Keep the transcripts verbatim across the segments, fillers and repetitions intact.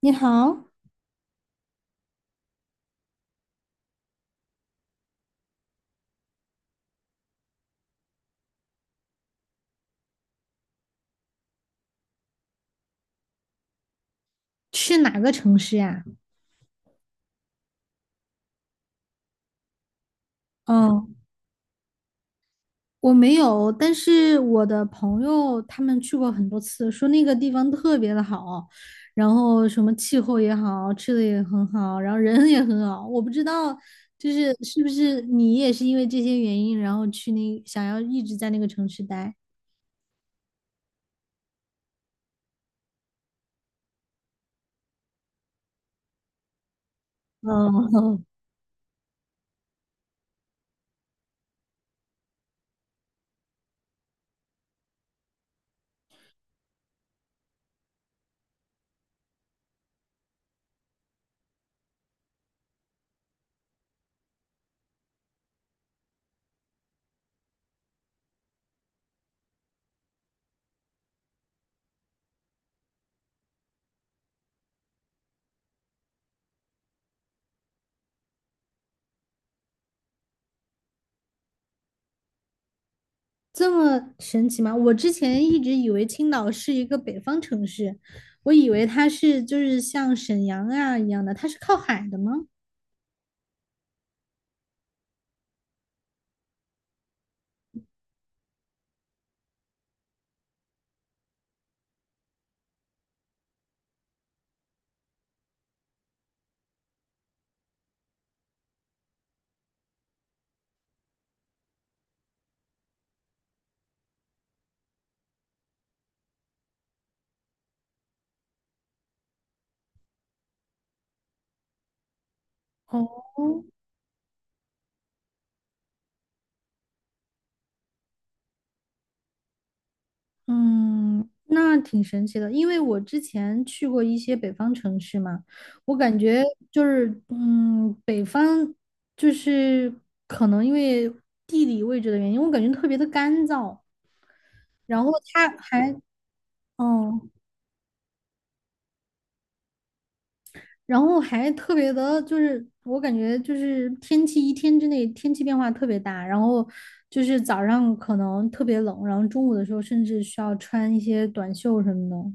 你好，去哪个城市呀？嗯，我没有，但是我的朋友他们去过很多次，说那个地方特别的好，然后什么气候也好，吃的也很好，然后人也很好。我不知道，就是是不是你也是因为这些原因，然后去那想要一直在那个城市待？嗯，这么神奇吗？我之前一直以为青岛是一个北方城市，我以为它是就是像沈阳啊一样的，它是靠海的吗？哦，嗯，那挺神奇的，因为我之前去过一些北方城市嘛，我感觉就是，嗯，北方就是可能因为地理位置的原因，我感觉特别的干燥，然后它还，嗯，然后还特别的，就是我感觉就是天气一天之内天气变化特别大，然后就是早上可能特别冷，然后中午的时候甚至需要穿一些短袖什么的。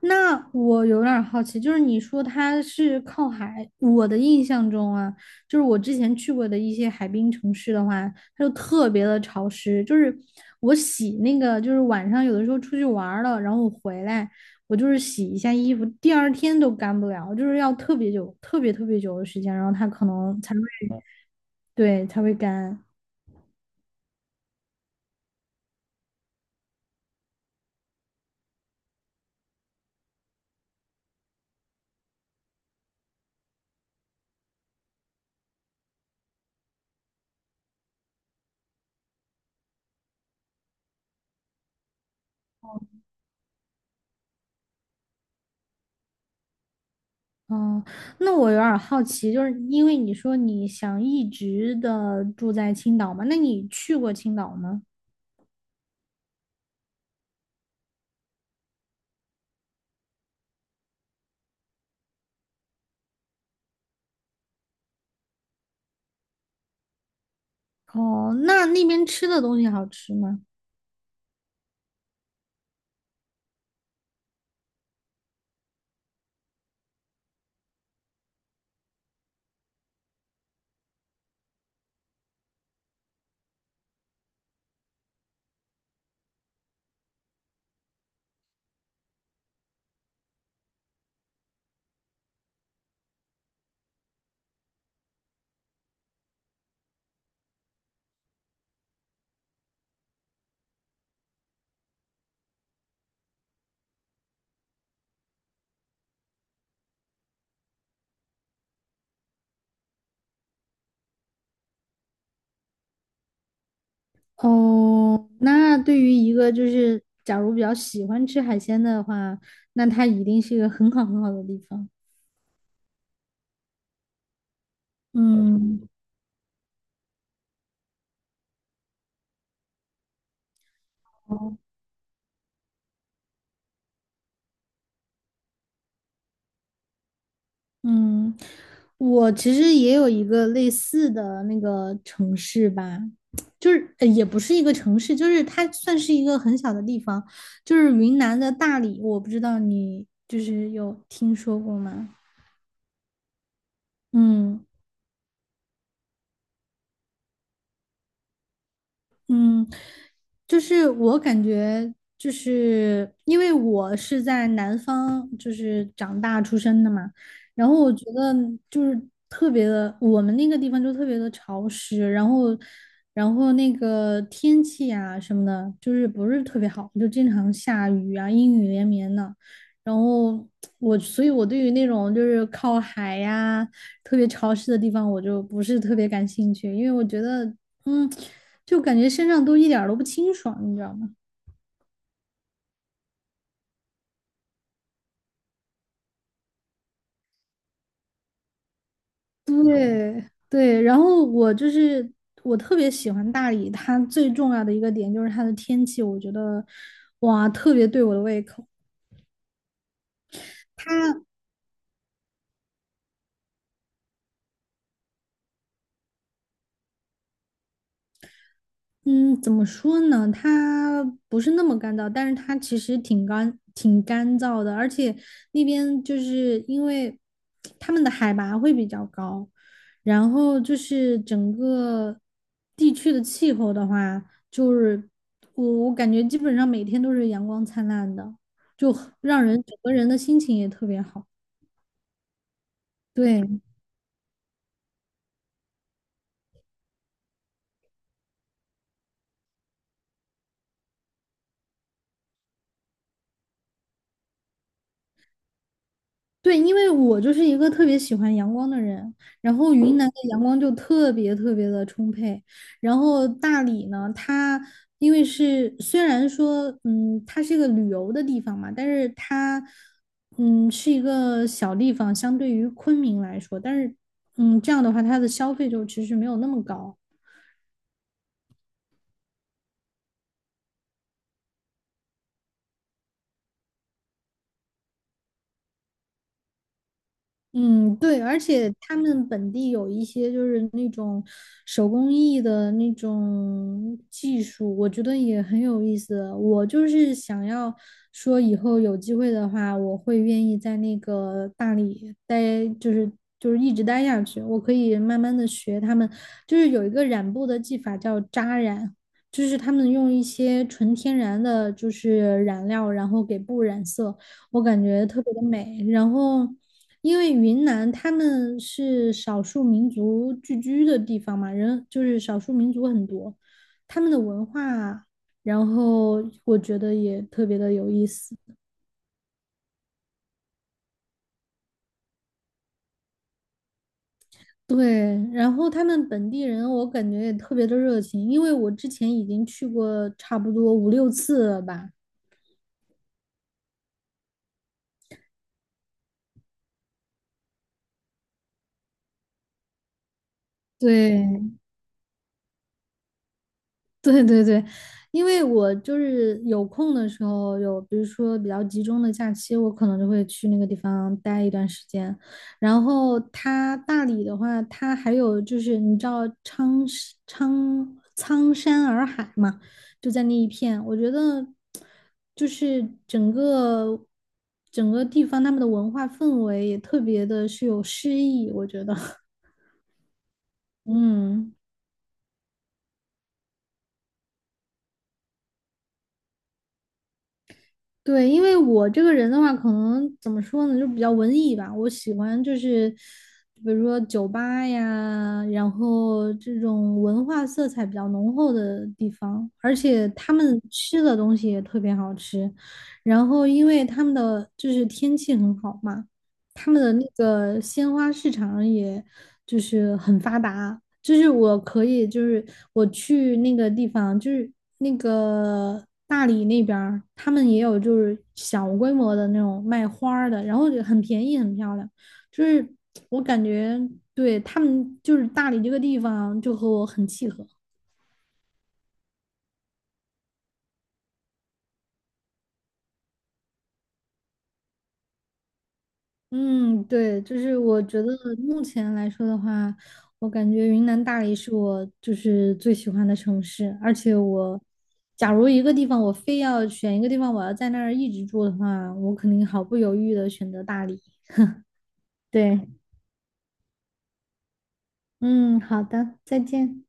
那我有点儿好奇，就是你说它是靠海，我的印象中啊，就是我之前去过的一些海滨城市的话，它就特别的潮湿。就是我洗那个，就是晚上有的时候出去玩儿了，然后我回来，我就是洗一下衣服，第二天都干不了，就是要特别久、特别特别久的时间，然后它可能才会，对，才会干。哦，那我有点儿好奇，就是因为你说你想一直的住在青岛嘛，那你去过青岛吗？哦，那那边吃的东西好吃吗？哦，那对于一个就是假如比较喜欢吃海鲜的话，那它一定是一个很好很好的地方。嗯，哦，嗯，我其实也有一个类似的那个城市吧，就是呃也不是一个城市，就是它算是一个很小的地方，就是云南的大理，我不知道你就是有听说过吗？嗯。嗯，就是我感觉，就是因为我是在南方，就是长大出生的嘛，然后我觉得就是特别的，我们那个地方就特别的潮湿，然后，然后那个天气啊什么的，就是不是特别好，就经常下雨啊，阴雨连绵的。然后我，所以我对于那种就是靠海呀、特别潮湿的地方，我就不是特别感兴趣，因为我觉得嗯，就感觉身上都一点儿都不清爽，你知道吗？对对，然后我就是我特别喜欢大理，它最重要的一个点就是它的天气，我觉得哇，特别对我的胃口。它嗯，怎么说呢？它不是那么干燥，但是它其实挺干、挺干燥的，而且那边就是因为他们的海拔会比较高，然后就是整个地区的气候的话，就是我我感觉基本上每天都是阳光灿烂的，就很让人整个人的心情也特别好。对。对，因为我就是一个特别喜欢阳光的人，然后云南的阳光就特别特别的充沛，然后大理呢，它因为是虽然说，嗯，它是一个旅游的地方嘛，但是它，嗯，是一个小地方，相对于昆明来说，但是，嗯，这样的话，它的消费就其实没有那么高。嗯，对，而且他们本地有一些就是那种手工艺的那种技术，我觉得也很有意思。我就是想要说，以后有机会的话，我会愿意在那个大理待，就是就是一直待下去。我可以慢慢的学他们，就是有一个染布的技法叫扎染，就是他们用一些纯天然的就是染料，然后给布染色。我感觉特别的美。然后因为云南他们是少数民族聚居的地方嘛，人就是少数民族很多，他们的文化，然后我觉得也特别的有意思。对，然后他们本地人，我感觉也特别的热情，因为我之前已经去过差不多五六次了吧。对，对对对，因为我就是有空的时候，有比如说比较集中的假期，我可能就会去那个地方待一段时间。然后它大理的话，它还有就是你知道苍山苍苍山洱海嘛，就在那一片，我觉得就是整个整个地方他们的文化氛围也特别的是有诗意，我觉得，嗯。对，因为我这个人的话，可能怎么说呢，就比较文艺吧。我喜欢就是，比如说酒吧呀，然后这种文化色彩比较浓厚的地方，而且他们吃的东西也特别好吃。然后因为他们的就是天气很好嘛，他们的那个鲜花市场也就是很发达，就是我可以，就是我去那个地方，就是那个大理那边儿，他们也有就是小规模的那种卖花儿的，然后就很便宜，很漂亮。就是我感觉对他们，就是大理这个地方就和我很契合。嗯，对，就是我觉得目前来说的话，我感觉云南大理是我就是最喜欢的城市，而且我假如一个地方我非要选一个地方，我要在那儿一直住的话，我肯定毫不犹豫的选择大理。对，嗯，好的，再见。